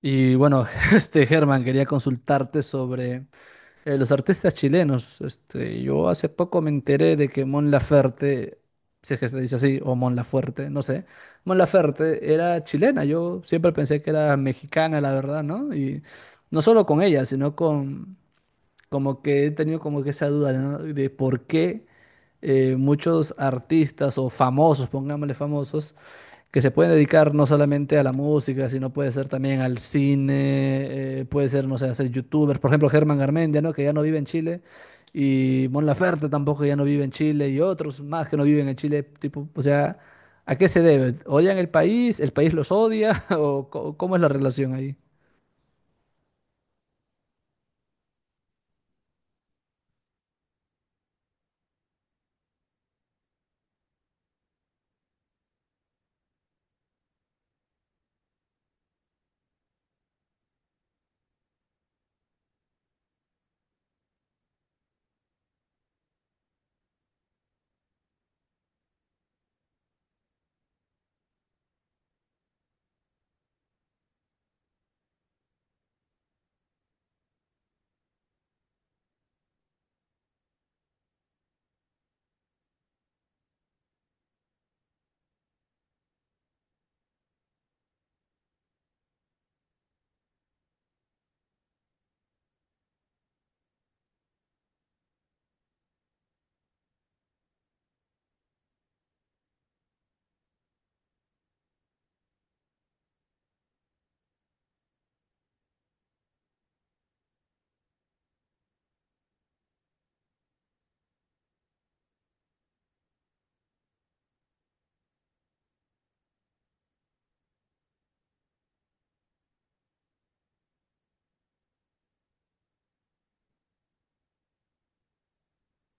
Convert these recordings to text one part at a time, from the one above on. Y bueno, Germán, quería consultarte sobre los artistas chilenos. Yo hace poco me enteré de que Mon Laferte, si es que se dice así, o Mon Lafuerte, no sé, Mon Laferte era chilena. Yo siempre pensé que era mexicana, la verdad, ¿no? Y no solo con ella, sino con como que he tenido como que esa duda, ¿no? De por qué muchos artistas o famosos, pongámosle famosos, que se pueden dedicar no solamente a la música, sino puede ser también al cine, puede ser, no sé, hacer youtubers. Por ejemplo, Germán Garmendia, ¿no? Que ya no vive en Chile. Y Mon Laferte tampoco ya no vive en Chile. Y otros más que no viven en Chile. Tipo, o sea, ¿a qué se debe? ¿Odian el país? ¿El país los odia? ¿O cómo es la relación ahí?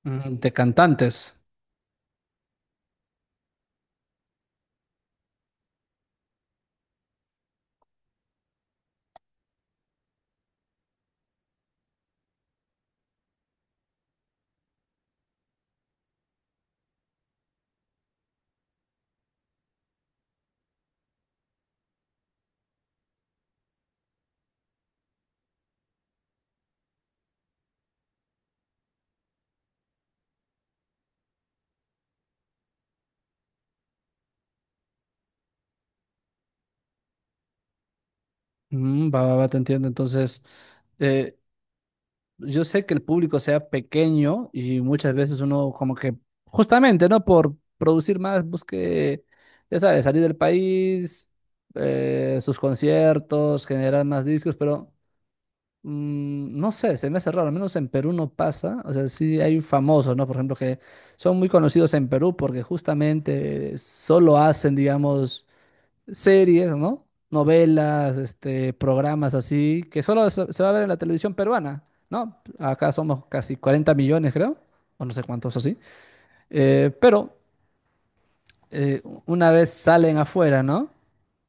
Mm, de cantantes. Mm, va, va, va, te entiendo. Entonces, yo sé que el público sea pequeño y muchas veces uno como que, justamente, ¿no? Por producir más, busque, ya sabes, salir del país, sus conciertos, generar más discos, pero mm, no sé, se me hace raro, al menos en Perú no pasa, o sea, sí hay famosos, ¿no? Por ejemplo, que son muy conocidos en Perú porque justamente solo hacen, digamos, series, ¿no? Novelas, este, programas así, que solo se va a ver en la televisión peruana, ¿no? Acá somos casi 40 millones, creo, o no sé cuántos así. Eh, pero una vez salen afuera, ¿no?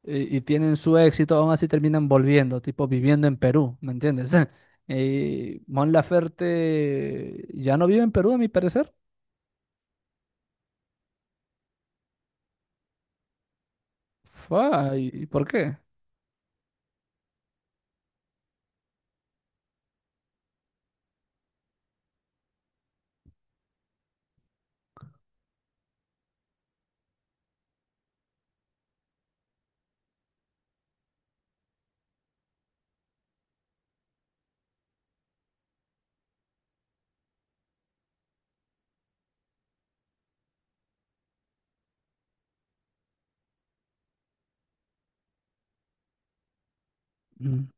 Y tienen su éxito, aún así terminan volviendo, tipo viviendo en Perú, ¿me entiendes? Y Mon Laferte ya no vive en Perú, a mi parecer. Fua, ¿y por qué? Mm.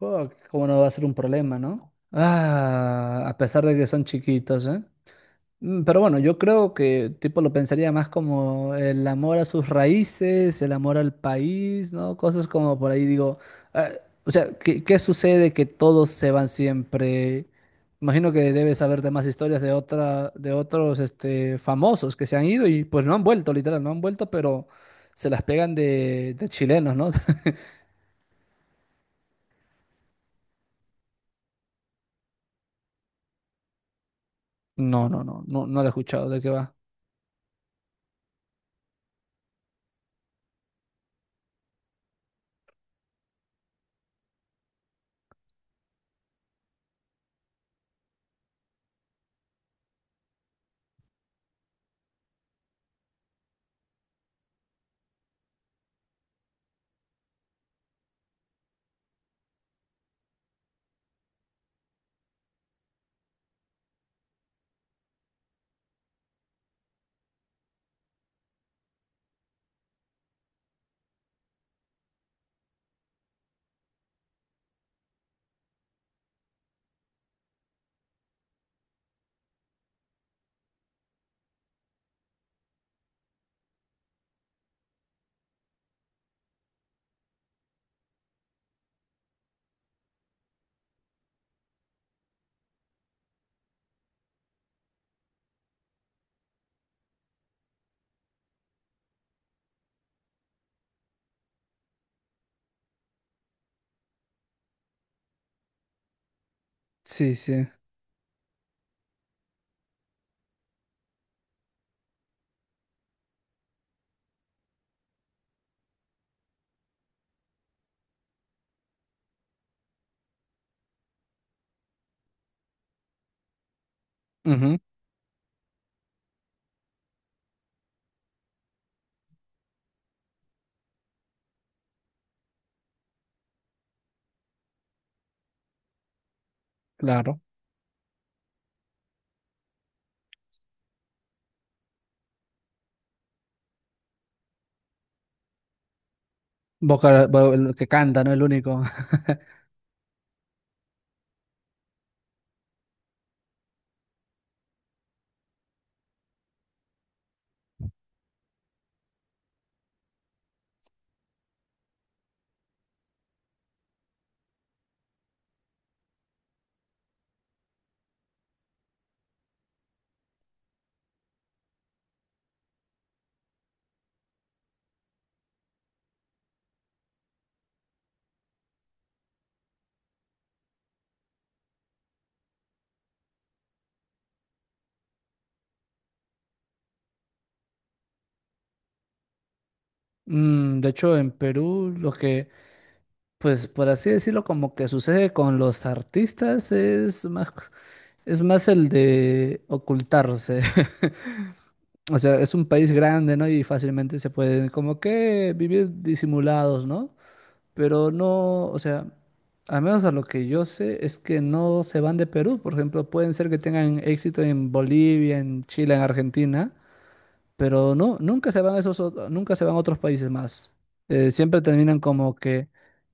Oh, cómo no va a ser un problema, ¿no? Ah, a pesar de que son chiquitos, ¿eh? Mm, pero bueno, yo creo que tipo lo pensaría más como el amor a sus raíces, el amor al país, ¿no? Cosas como por ahí digo, ah, o sea, ¿qué, qué sucede que todos se van siempre? Imagino que debes saber de más historias de otra, de otros este, famosos que se han ido y pues no han vuelto, literal, no han vuelto, pero se las pegan de chilenos, ¿no? No, no, no, no, no lo he escuchado, ¿de qué va? Sí, sí. Ujú, claro. Boca, el que canta, ¿no? El único. Mm, de hecho, en Perú lo que, pues por así decirlo, como que sucede con los artistas es más el de ocultarse. O sea, es un país grande, ¿no? Y fácilmente se pueden como que vivir disimulados, ¿no? Pero no, o sea, al menos a lo que yo sé es que no se van de Perú. Por ejemplo, pueden ser que tengan éxito en Bolivia, en Chile, en Argentina. Pero no, nunca se van a esos, nunca se van a otros países más. Siempre terminan como que,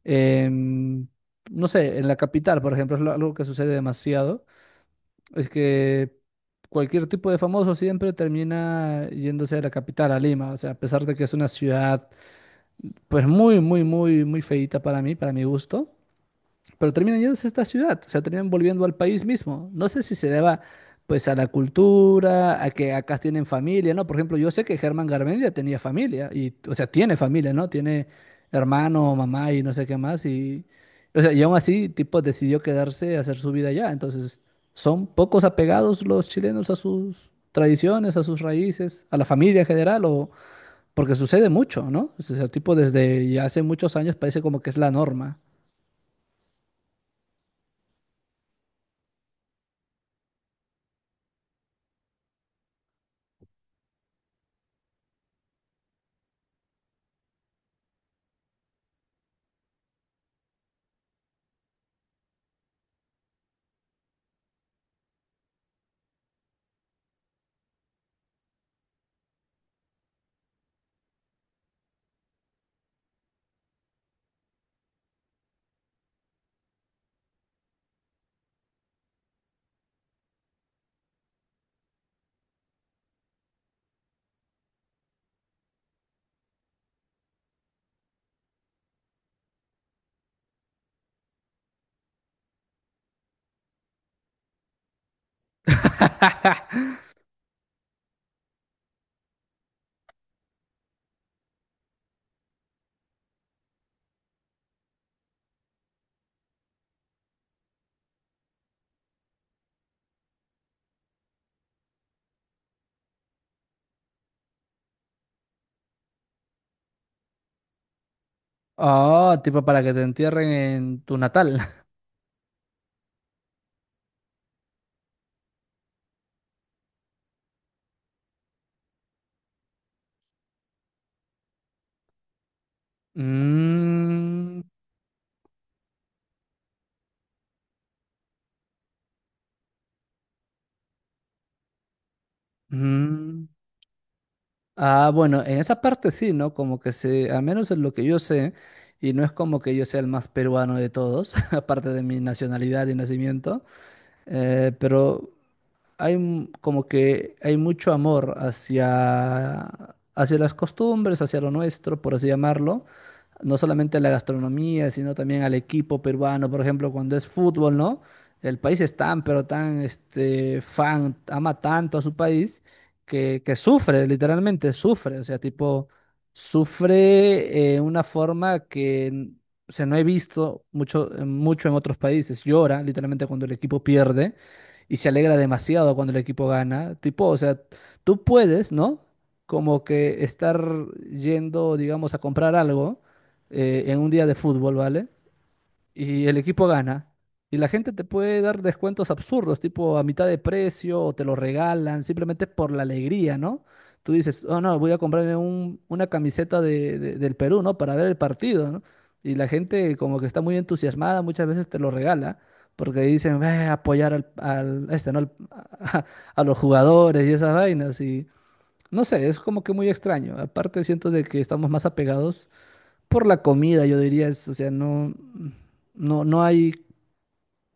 em, no sé, en la capital, por ejemplo, algo que sucede demasiado, es que cualquier tipo de famoso siempre termina yéndose a la capital, a Lima, o sea, a pesar de que es una ciudad, pues muy, muy, muy, muy feíta para mí, para mi gusto, pero terminan yéndose a esta ciudad, o sea, terminan volviendo al país mismo. No sé si se deba, pues, a la cultura, a que acá tienen familia, ¿no? Por ejemplo, yo sé que Germán Garmendia tenía familia, y, o sea, tiene familia, ¿no? Tiene hermano, mamá y no sé qué más, y, o sea, y aún así, tipo, decidió quedarse a hacer su vida allá. Entonces, son pocos apegados los chilenos a sus tradiciones, a sus raíces, a la familia en general, o porque sucede mucho, ¿no? O sea, tipo, desde ya hace muchos años parece como que es la norma. Ah, tipo para que te entierren en tu natal. Mm, mm. Ah, bueno, en esa parte sí, ¿no? Como que se, al menos en lo que yo sé, y no es como que yo sea el más peruano de todos, aparte de mi nacionalidad y nacimiento, eh, pero hay como que hay mucho amor hacia, hacia las costumbres, hacia lo nuestro, por así llamarlo. No solamente a la gastronomía, sino también al equipo peruano, por ejemplo, cuando es fútbol, ¿no? El país es tan, pero tan, este, fan, ama tanto a su país que sufre, literalmente sufre, o sea, tipo, sufre una forma que, o sea, no he visto mucho, mucho en otros países. Llora, literalmente, cuando el equipo pierde y se alegra demasiado cuando el equipo gana. Tipo, o sea, tú puedes, ¿no? Como que estar yendo, digamos, a comprar algo en un día de fútbol, ¿vale? Y el equipo gana. Y la gente te puede dar descuentos absurdos, tipo a mitad de precio, o te lo regalan, simplemente por la alegría, ¿no? Tú dices, oh no, voy a comprarme una camiseta del Perú, ¿no? Para ver el partido, ¿no? Y la gente como que está muy entusiasmada, muchas veces te lo regala, porque dicen, ve a apoyar al, a este, ¿no? A, a los jugadores y esas vainas. Y no sé, es como que muy extraño. Aparte siento de que estamos más apegados por la comida, yo diría, es, o sea, no, no, no hay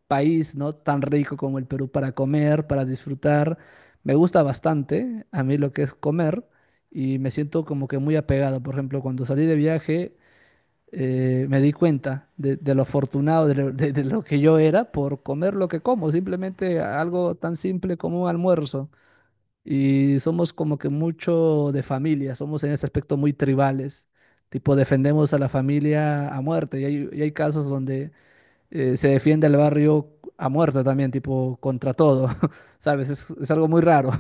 país, ¿no? Tan rico como el Perú para comer, para disfrutar. Me gusta bastante a mí lo que es comer y me siento como que muy apegado. Por ejemplo, cuando salí de viaje, me di cuenta de lo afortunado de lo que yo era por comer lo que como, simplemente algo tan simple como un almuerzo. Y somos como que mucho de familia, somos en ese aspecto muy tribales, tipo defendemos a la familia a muerte y hay casos donde se defiende al barrio a muerte también, tipo contra todo, ¿sabes? Es algo muy raro.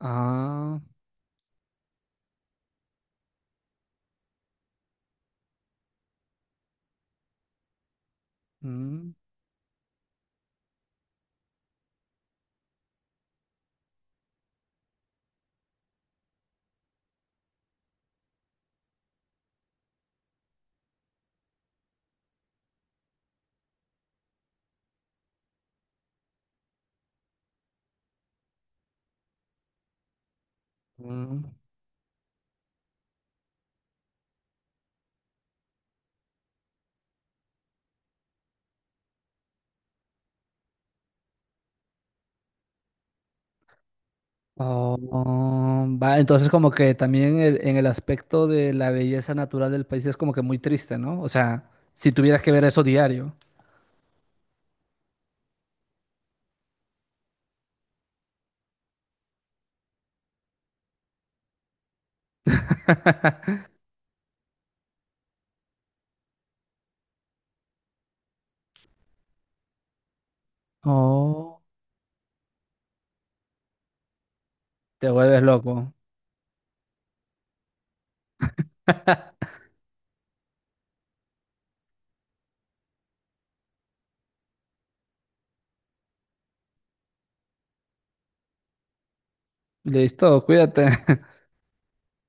Ah, mm, mm. Oh, oh, va, entonces como que también en el aspecto de la belleza natural del país es como que muy triste, ¿no? O sea, si tuvieras que ver eso diario, oh, te vuelves loco. Listo, cuídate.